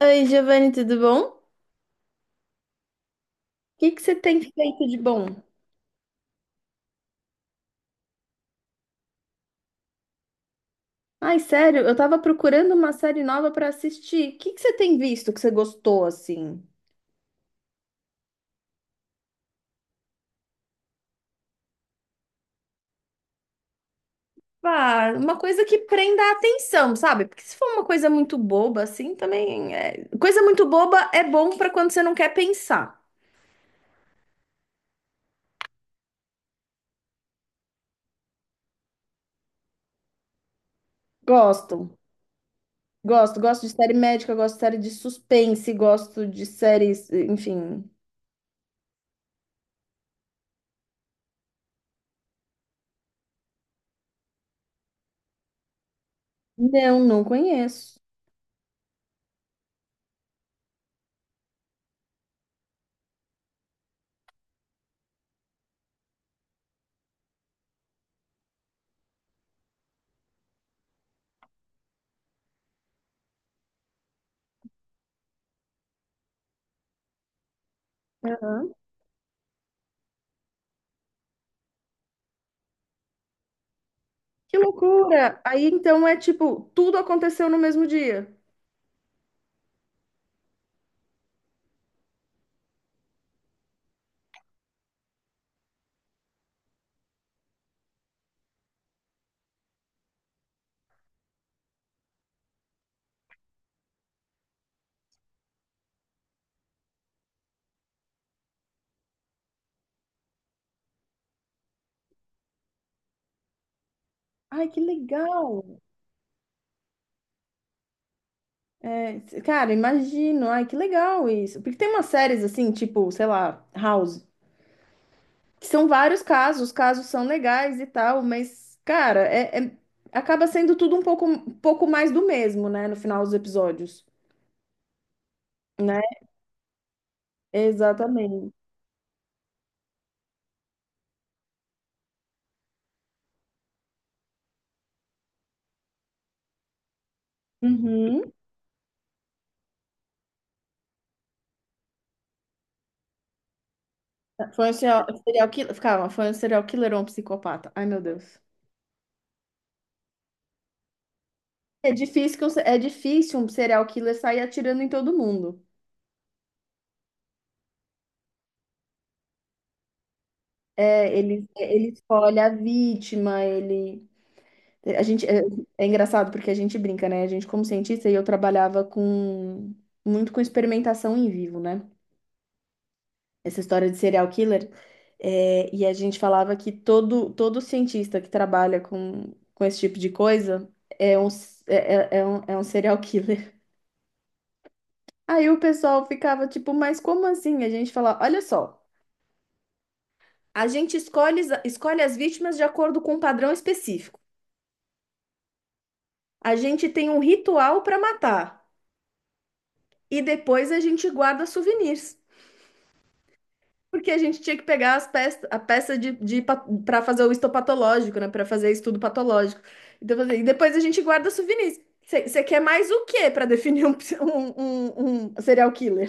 Oi, Giovanni, tudo bom? O que que você tem feito de bom? Ai, sério, eu tava procurando uma série nova pra assistir. O que que você tem visto que você gostou assim? Ah, uma coisa que prenda a atenção, sabe? Porque se for uma coisa muito boba assim, também coisa muito boba é bom pra quando você não quer pensar. Gosto. Gosto, gosto de série médica, gosto de série de suspense, gosto de séries, enfim. Não, não conheço. Aham. Que loucura! Aí então é tipo, tudo aconteceu no mesmo dia. Ai, que legal! Cara, imagino. Ai, que legal isso. Porque tem umas séries assim, tipo, sei lá, House, que são vários casos, os casos são legais e tal, mas, cara, acaba sendo tudo um pouco mais do mesmo, né, no final dos episódios, né? Exatamente. Uhum. Foi um serial killer. Calma, foi um serial killer ou um psicopata? Ai, meu Deus. É difícil, que um é difícil um serial killer sair atirando em todo mundo. Ele escolhe a vítima, ele. É, A gente é, é engraçado porque a gente brinca, né? A gente, como cientista, e eu trabalhava com muito com experimentação em vivo, né? Essa história de serial killer. E a gente falava que todo cientista que trabalha com esse tipo de coisa é é um serial killer. Aí o pessoal ficava tipo, mas como assim? A gente falava, olha só, a gente escolhe as vítimas de acordo com um padrão específico. A gente tem um ritual para matar. E depois a gente guarda souvenirs. Porque a gente tinha que pegar as peças, a peça para fazer o histopatológico, né? Para fazer estudo patológico. Então, assim, e depois a gente guarda souvenirs. Você quer mais o quê para definir um, um serial killer?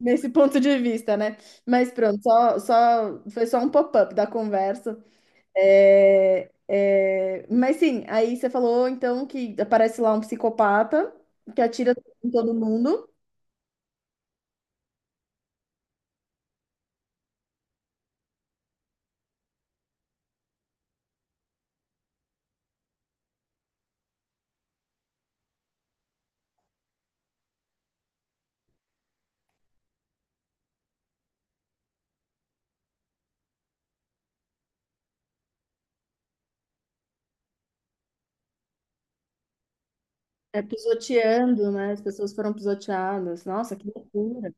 Nesse ponto de vista, né? Mas pronto, foi só um pop-up da conversa. Mas sim, aí você falou então que aparece lá um psicopata que atira em todo mundo, é, pisoteando, né? As pessoas foram pisoteadas. Nossa, que loucura.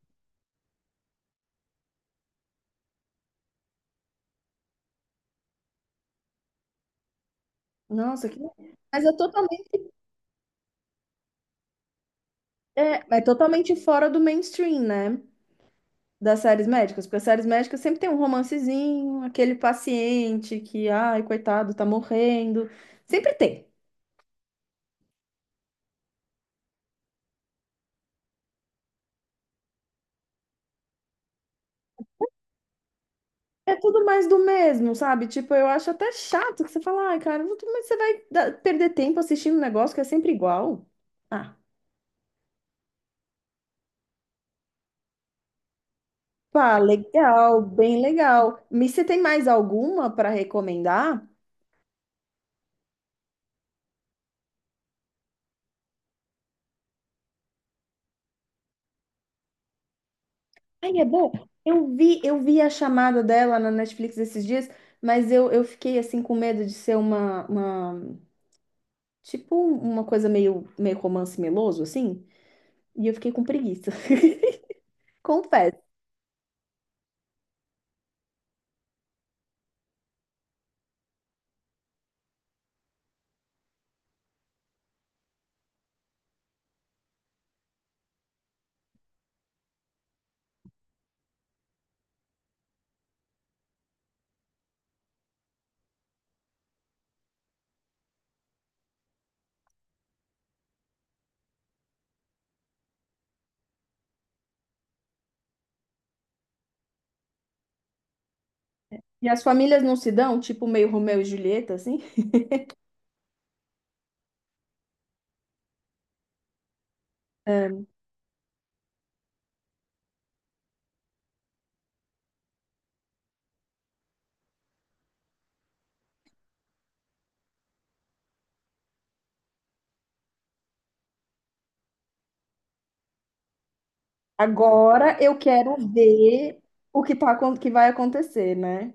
Nossa, que... mas é totalmente, é totalmente fora do mainstream, né? Das séries médicas, porque as séries médicas sempre tem um romancezinho, aquele paciente que, ai, coitado, tá morrendo. Sempre tem. É tudo mais do mesmo, sabe? Tipo, eu acho até chato que você fala, ai, cara, mas você vai perder tempo assistindo um negócio que é sempre igual. Ah, pá, legal, bem legal. Mas você tem mais alguma para recomendar? Ai, é bom. Eu vi a chamada dela na Netflix esses dias, mas eu fiquei assim com medo de ser uma tipo uma coisa meio romance meloso, assim, e eu fiquei com preguiça. Confesso. E as famílias não se dão, tipo meio Romeu e Julieta, assim. Ahn, Agora eu quero ver o que que vai acontecer, né?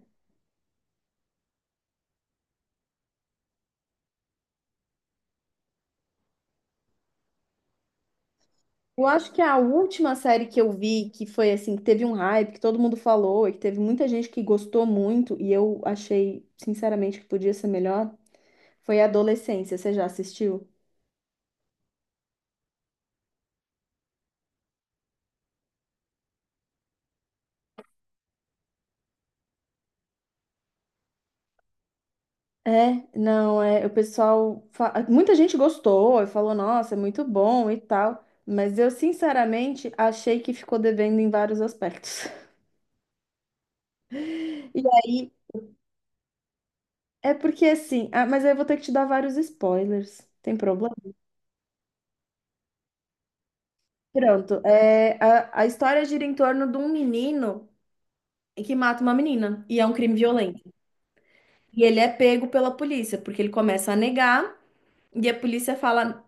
Eu acho que a última série que eu vi, que foi assim, que teve um hype, que todo mundo falou, e que teve muita gente que gostou muito, e eu achei, sinceramente, que podia ser melhor, foi Adolescência. Você já assistiu? É, não, é, o pessoal, muita gente gostou e falou, nossa, é muito bom e tal, mas eu sinceramente achei que ficou devendo em vários aspectos. E aí, é porque assim, ah, mas aí eu vou ter que te dar vários spoilers, tem problema? Pronto, a história gira em torno de um menino que mata uma menina. E é um crime violento. E ele é pego pela polícia, porque ele começa a negar, e a polícia fala: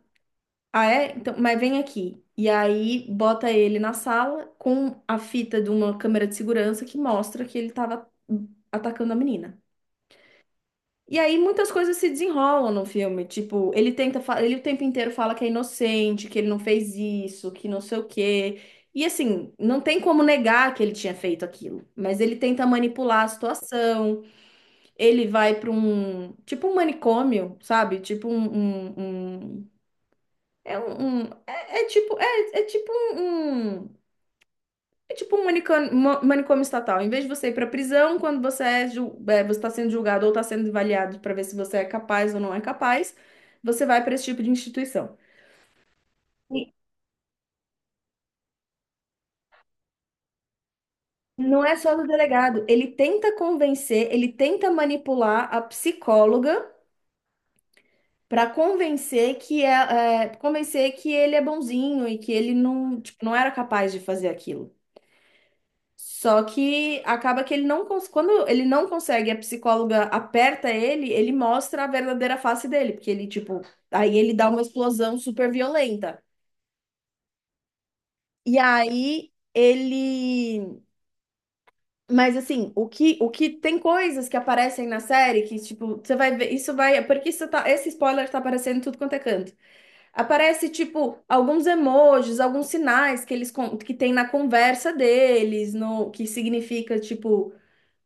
Ah, é? Então, mas vem aqui. E aí bota ele na sala com a fita de uma câmera de segurança que mostra que ele tava atacando a menina. E aí muitas coisas se desenrolam no filme. Tipo, ele o tempo inteiro fala que é inocente, que ele não fez isso, que não sei o quê. E assim, não tem como negar que ele tinha feito aquilo, mas ele tenta manipular a situação. Ele vai para um tipo um manicômio, sabe? Tipo um, um- um- um, um- é, é tipo um, um- é tipo um manicômio, manicômio estatal. Em vez de você ir para prisão quando você você está sendo julgado ou está sendo avaliado para ver se você é capaz ou não é capaz, você vai para esse tipo de instituição. E não é só do delegado, ele tenta convencer, ele tenta manipular a psicóloga. Pra convencer que convencer que ele é bonzinho e que ele não, tipo, não era capaz de fazer aquilo. Só que acaba que ele não cons- quando ele não consegue, a psicóloga aperta ele, ele mostra a verdadeira face dele, porque ele tipo, aí ele dá uma explosão super violenta. E aí ele. Mas assim, o que tem coisas que aparecem na série que, tipo, você vai ver, isso vai, porque isso tá, esse spoiler tá aparecendo em tudo quanto é canto. Aparece, tipo, alguns emojis, alguns sinais que que tem na conversa deles, no que significa, tipo,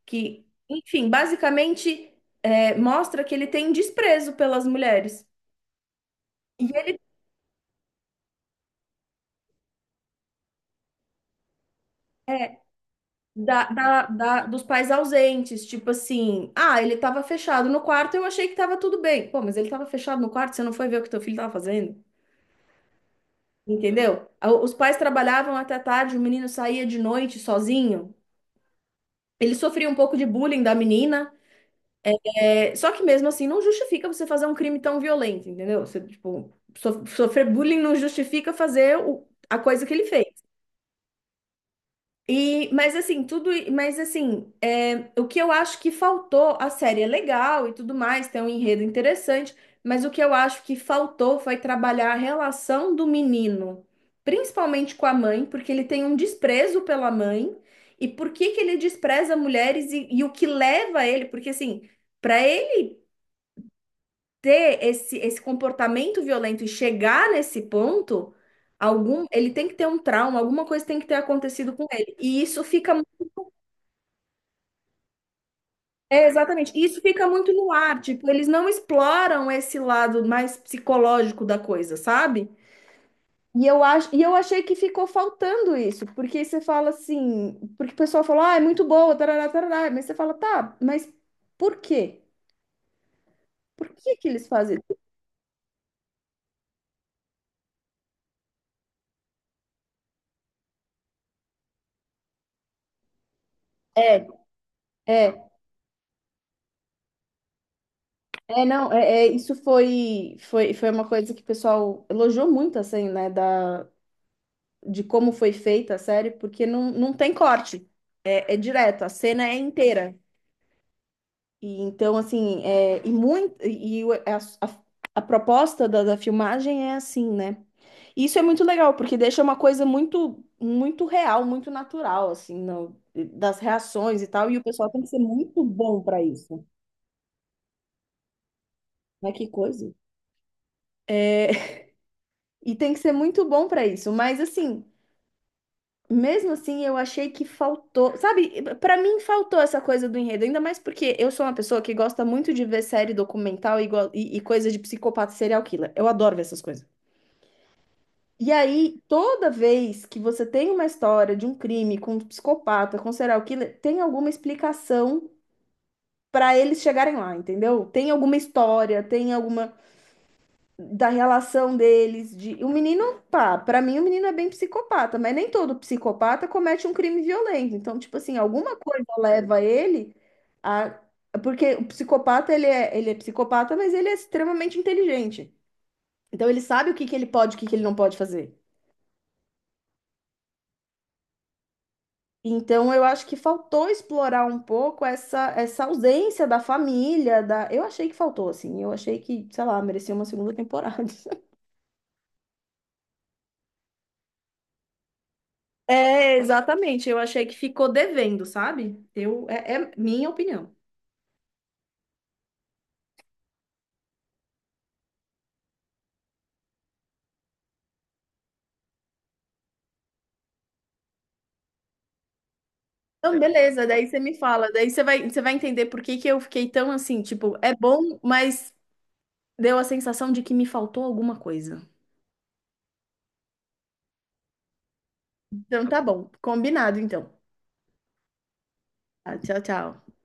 que, enfim, basicamente mostra que ele tem desprezo pelas mulheres. E ele é dos pais ausentes, tipo assim, ah, ele tava fechado no quarto, eu achei que tava tudo bem. Pô, mas ele tava fechado no quarto, você não foi ver o que teu filho tava fazendo? Entendeu? Os pais trabalhavam até tarde, o menino saía de noite sozinho. Ele sofria um pouco de bullying da menina. É, só que mesmo assim não justifica você fazer um crime tão violento, entendeu? Você, tipo, sofrer bullying não justifica a coisa que ele fez. E, mas assim, tudo, mas assim, é, o que eu acho que faltou, a série é legal e tudo mais, tem um enredo interessante, mas o que eu acho que faltou foi trabalhar a relação do menino, principalmente com a mãe, porque ele tem um desprezo pela mãe, e por que que ele despreza mulheres e o que leva ele, porque assim, para ele ter esse, esse comportamento violento e chegar nesse ponto, algum, ele tem que ter um trauma, alguma coisa tem que ter acontecido com ele. É, exatamente, e isso fica muito no ar, tipo, eles não exploram esse lado mais psicológico da coisa, sabe? E eu acho, e eu achei que ficou faltando isso, porque você fala assim, porque o pessoal fala, ah, é muito boa, tarará, tarará, mas você fala, tá, mas por quê? Por que que eles fazem isso? É, é. É, não, é, é, Isso foi, foi uma coisa que o pessoal elogiou muito, assim, né, da, de como foi feita a série, porque não tem corte, é direto, a cena é inteira. E então, assim, e muito, a, a proposta da filmagem é assim, né? E isso é muito legal, porque deixa uma coisa muito, muito real, muito natural, assim, das reações e tal, e o pessoal tem que ser muito bom para isso. Mas que coisa. E tem que ser muito bom para isso. Mas assim, mesmo assim, eu achei que faltou. Sabe, para mim faltou essa coisa do enredo. Ainda mais porque eu sou uma pessoa que gosta muito de ver série documental e coisa de psicopata e serial killer. Eu adoro ver essas coisas. E aí, toda vez que você tem uma história de um crime com um psicopata, com um serial killer, tem alguma explicação para eles chegarem lá, entendeu? Tem alguma história, tem alguma. Da relação deles, de o menino, pá, para mim o menino é bem psicopata, mas nem todo psicopata comete um crime violento. Então, tipo assim, alguma coisa leva ele a porque o ele é psicopata, mas ele é extremamente inteligente. Então ele sabe o que que ele pode, e o que que ele não pode fazer. Então eu acho que faltou explorar um pouco essa essa ausência da família, da eu achei que faltou assim, eu achei que, sei lá, merecia uma segunda temporada. É, exatamente. Eu achei que ficou devendo, sabe? É minha opinião. Então, beleza, daí você me fala, daí você vai entender por que que eu fiquei tão assim, tipo, é bom, mas deu a sensação de que me faltou alguma coisa. Então tá bom, combinado então. Tá, tchau, tchau.